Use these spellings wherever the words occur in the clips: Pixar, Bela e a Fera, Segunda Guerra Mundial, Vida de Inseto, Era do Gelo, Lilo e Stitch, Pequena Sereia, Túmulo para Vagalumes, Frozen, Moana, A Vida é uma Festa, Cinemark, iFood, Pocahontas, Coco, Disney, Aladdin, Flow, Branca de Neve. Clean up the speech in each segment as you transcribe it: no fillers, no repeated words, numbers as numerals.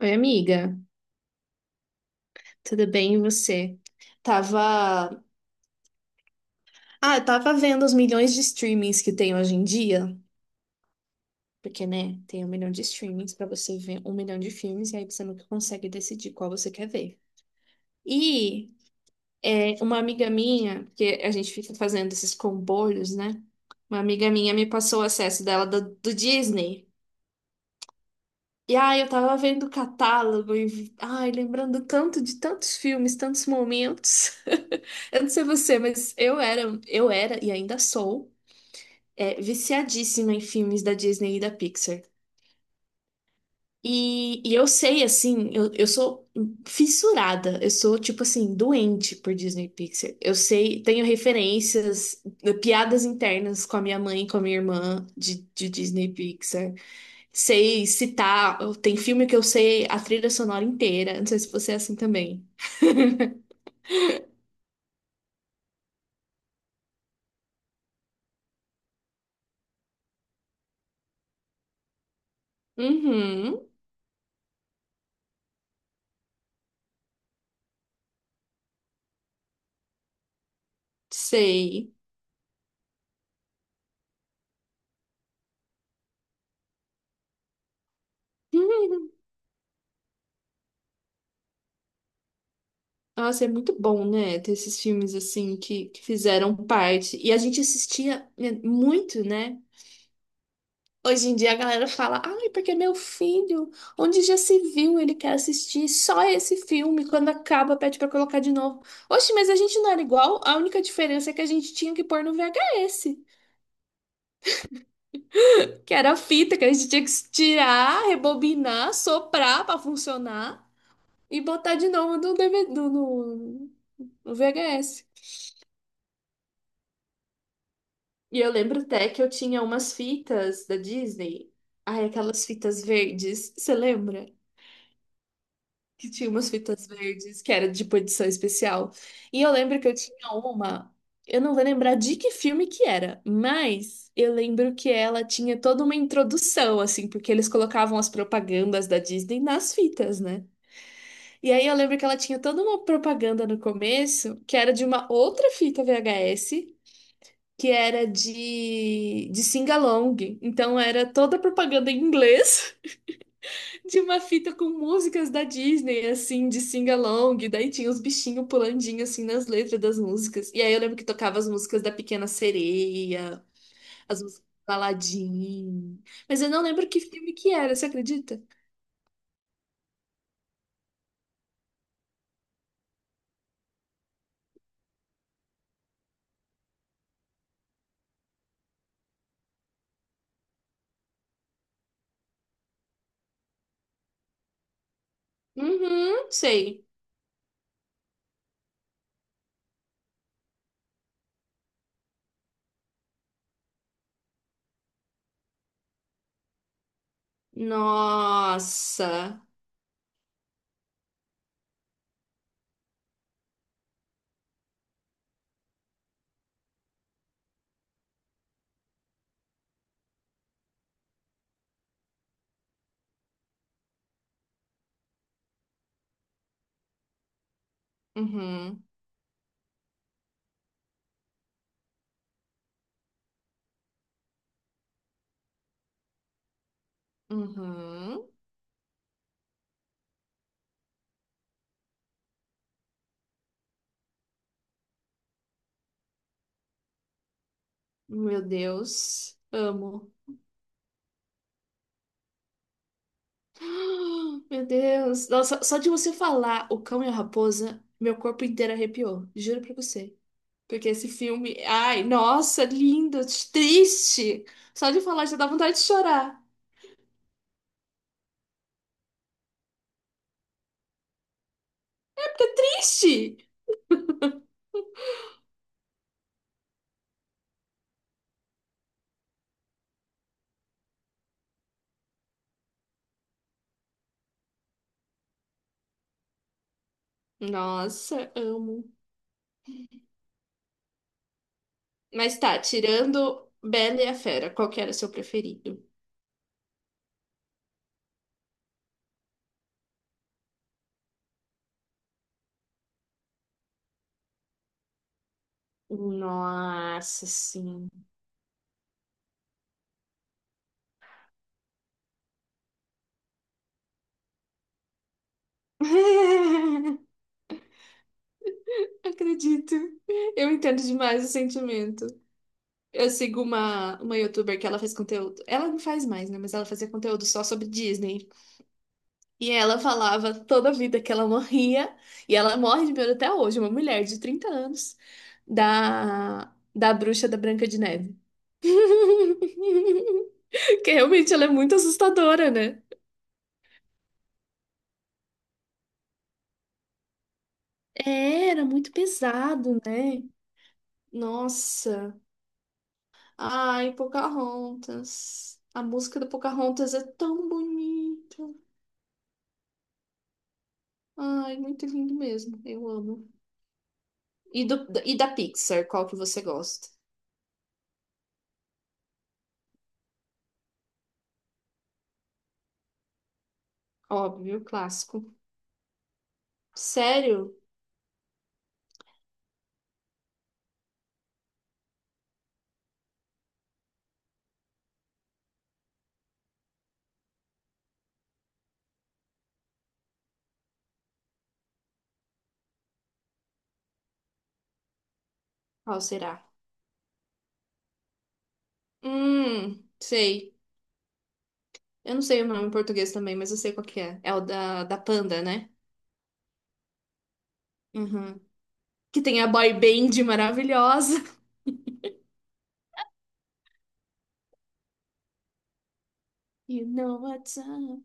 Oi, amiga. Tudo bem, e você? Tava. Ah, eu tava vendo os milhões de streamings que tem hoje em dia. Porque, né, tem um milhão de streamings pra você ver um milhão de filmes e aí você nunca consegue decidir qual você quer ver. E uma amiga minha, porque a gente fica fazendo esses comboios, né? Uma amiga minha me passou o acesso dela do Disney. E ai, eu tava vendo o catálogo e ai, lembrando tanto de tantos filmes, tantos momentos. Eu não sei você, mas eu era e ainda sou, viciadíssima em filmes da Disney e da Pixar. E eu sei, assim, eu sou fissurada, eu sou, tipo assim, doente por Disney e Pixar. Eu sei, tenho referências, piadas internas com a minha mãe e com a minha irmã de Disney e Pixar. Sei citar, tem filme que eu sei a trilha sonora inteira. Não sei se você é assim também. Uhum, sei. Uhum. Nossa, é muito bom, né? Ter esses filmes assim que fizeram parte. E a gente assistia, né, muito, né? Hoje em dia a galera fala, ai, porque meu filho, onde já se viu, ele quer assistir só esse filme. Quando acaba, pede pra colocar de novo. Oxe, mas a gente não era igual, a única diferença é que a gente tinha que pôr no VHS. Que era a fita que a gente tinha que tirar, rebobinar, soprar pra funcionar e botar de novo no, DVD, no VHS. E eu lembro até que eu tinha umas fitas da Disney. Ai, aquelas fitas verdes. Você lembra? Que tinha umas fitas verdes que era de edição especial. E eu lembro que eu tinha uma. Eu não vou lembrar de que filme que era, mas eu lembro que ela tinha toda uma introdução, assim, porque eles colocavam as propagandas da Disney nas fitas, né? E aí eu lembro que ela tinha toda uma propaganda no começo, que era de uma outra fita VHS, que era de sing-along. Então era toda propaganda em inglês de uma fita com músicas da Disney, assim, de sing-along. Daí tinha os bichinhos pulandinho, assim, nas letras das músicas. E aí eu lembro que tocava as músicas da Pequena Sereia, as músicas do Aladdin. Mas eu não lembro que filme que era, você acredita? Uhum, sei. Nossa. Uhum. Uhum. Meu Deus. Amo. Meu Deus. Nossa, só de você falar O Cão e a Raposa, meu corpo inteiro arrepiou. Juro pra você. Porque esse filme. Ai, nossa, lindo. Triste. Só de falar já dá vontade de chorar. Triste. Nossa, amo. Mas tá, tirando Bela e a Fera, qual que era o seu preferido? Nossa, sim. Acredito. Eu entendo demais o sentimento. Eu sigo uma youtuber que ela faz conteúdo. Ela não faz mais, né? Mas ela fazia conteúdo só sobre Disney. E ela falava toda a vida que ela morria. E ela morre de medo até hoje, uma mulher de 30 anos, da bruxa da Branca de Neve. Que realmente ela é muito assustadora, né? É. Era muito pesado, né? Nossa. Ai, Pocahontas. A música do Pocahontas é tão bonita. Ai, muito lindo mesmo. Eu amo. E da Pixar, qual que você gosta? Óbvio, clássico. Sério? Qual será? Sei. Eu não sei o nome em português também, mas eu sei qual que é. É o da Panda, né? Uhum. Que tem a boy band maravilhosa. You know what's up.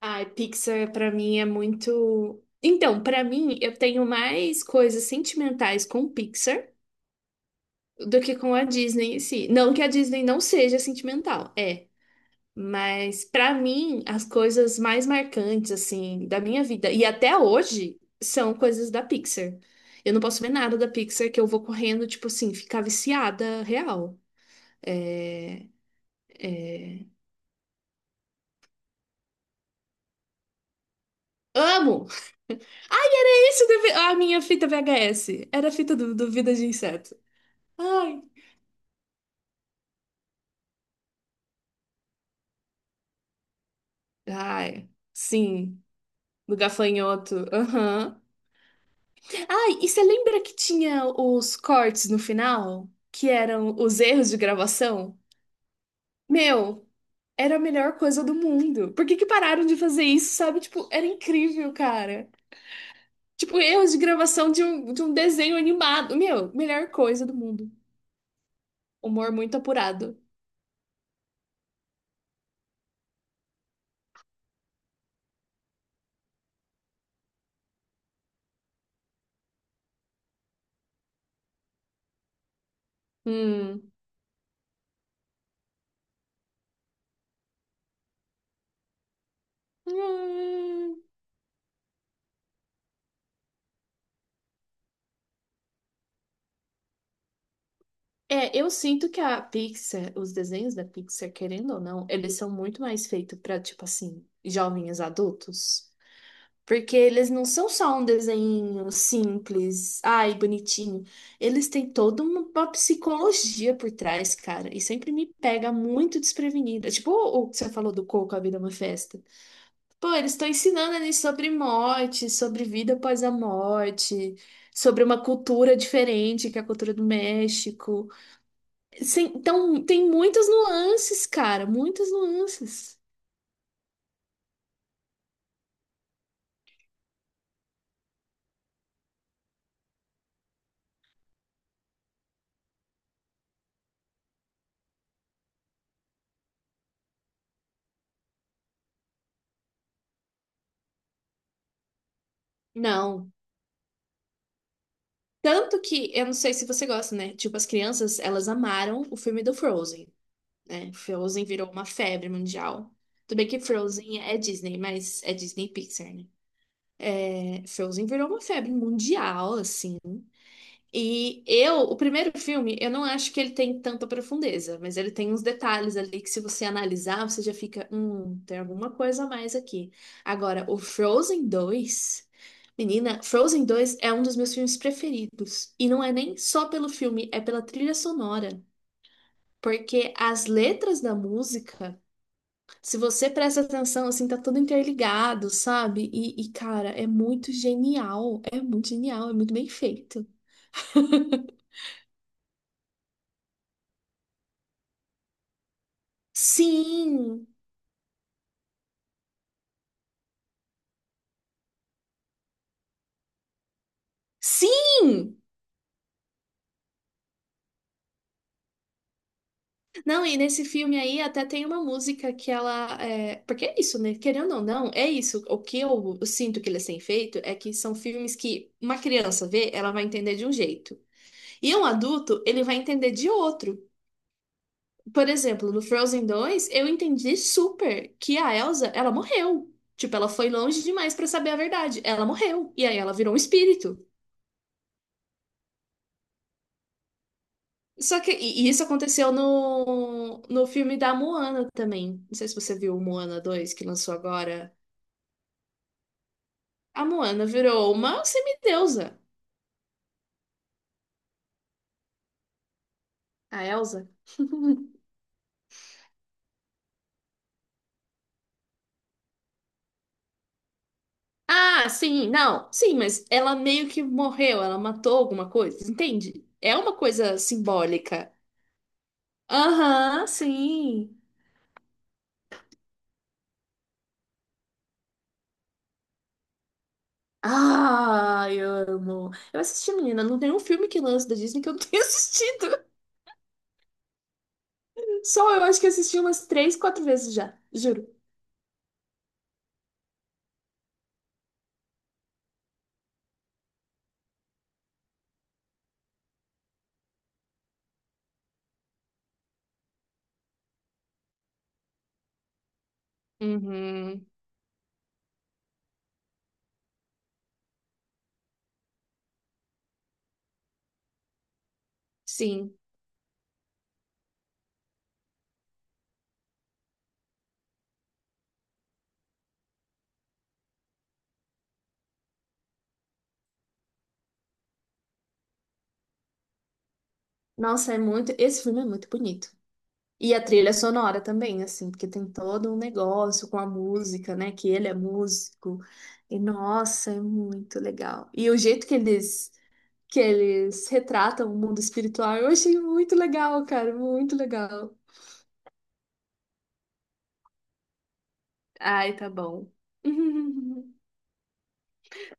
Ai, Pixar pra mim é muito. Então, pra mim, eu tenho mais coisas sentimentais com Pixar do que com a Disney em si. Não que a Disney não seja sentimental, é. Mas para mim, as coisas mais marcantes assim da minha vida e até hoje são coisas da Pixar. Eu não posso ver nada da Pixar que eu vou correndo, tipo assim, ficar viciada real. É, é. Amo! Ai, era isso da a minha fita VHS. Era a fita do Vida de Inseto. Ai, ai, sim, do gafanhoto. Aham. Ai, e você lembra que tinha os cortes no final, que eram os erros de gravação? Meu. Era a melhor coisa do mundo. Por que que pararam de fazer isso, sabe? Tipo, era incrível, cara. Tipo, erros de gravação de um desenho animado. Meu, melhor coisa do mundo. Humor muito apurado. Hum. Hum. É, eu sinto que a Pixar, os desenhos da Pixar, querendo ou não, eles são muito mais feitos pra, tipo assim, jovens adultos. Porque eles não são só um desenho simples, ai, bonitinho. Eles têm toda uma psicologia por trás, cara. E sempre me pega muito desprevenida. Tipo o que você falou do Coco, A Vida é uma Festa. Pô, eles estão ensinando ali sobre morte, sobre vida após a morte, sobre uma cultura diferente, que é a cultura do México. Então, tem muitas nuances, cara, muitas nuances. Não. Tanto que, eu não sei se você gosta, né? Tipo, as crianças, elas amaram o filme do Frozen, né? Frozen virou uma febre mundial. Tudo bem que Frozen é Disney, mas é Disney Pixar, né? É, Frozen virou uma febre mundial, assim. E eu, o primeiro filme, eu não acho que ele tem tanta profundeza, mas ele tem uns detalhes ali que se você analisar, você já fica, tem alguma coisa a mais aqui. Agora, o Frozen 2, menina, Frozen 2 é um dos meus filmes preferidos. E não é nem só pelo filme, é pela trilha sonora. Porque as letras da música, se você presta atenção, assim, tá tudo interligado, sabe? E, cara, é muito genial. É muito genial, é muito bem feito. Sim! Sim! Não, e nesse filme aí até tem uma música que ela. Porque é isso, né? Querendo ou não, é isso. O que eu sinto que eles têm feito é que são filmes que uma criança vê, ela vai entender de um jeito. E um adulto, ele vai entender de outro. Por exemplo, no Frozen 2 eu entendi super que a Elsa, ela morreu. Tipo, ela foi longe demais pra saber a verdade. Ela morreu. E aí ela virou um espírito. Só que e isso aconteceu no filme da Moana também. Não sei se você viu o Moana 2 que lançou agora. A Moana virou uma semideusa, a Elsa. Ah, sim, não, sim, mas ela meio que morreu, ela matou alguma coisa, entende? É uma coisa simbólica. Aham, sim. Ah, eu amo. Eu assisti, menina, não tem um filme que lança da Disney que eu não tenha assistido. Só eu acho que assisti umas três, quatro vezes já, juro. Uhum. Sim. Nossa, é muito. Esse filme é muito bonito. E a trilha sonora também, assim, porque tem todo um negócio com a música, né? Que ele é músico. E nossa, é muito legal. E o jeito que eles retratam o mundo espiritual, eu achei muito legal, cara, muito legal. Ai, tá bom.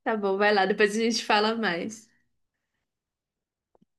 Tá bom, vai lá, depois a gente fala mais.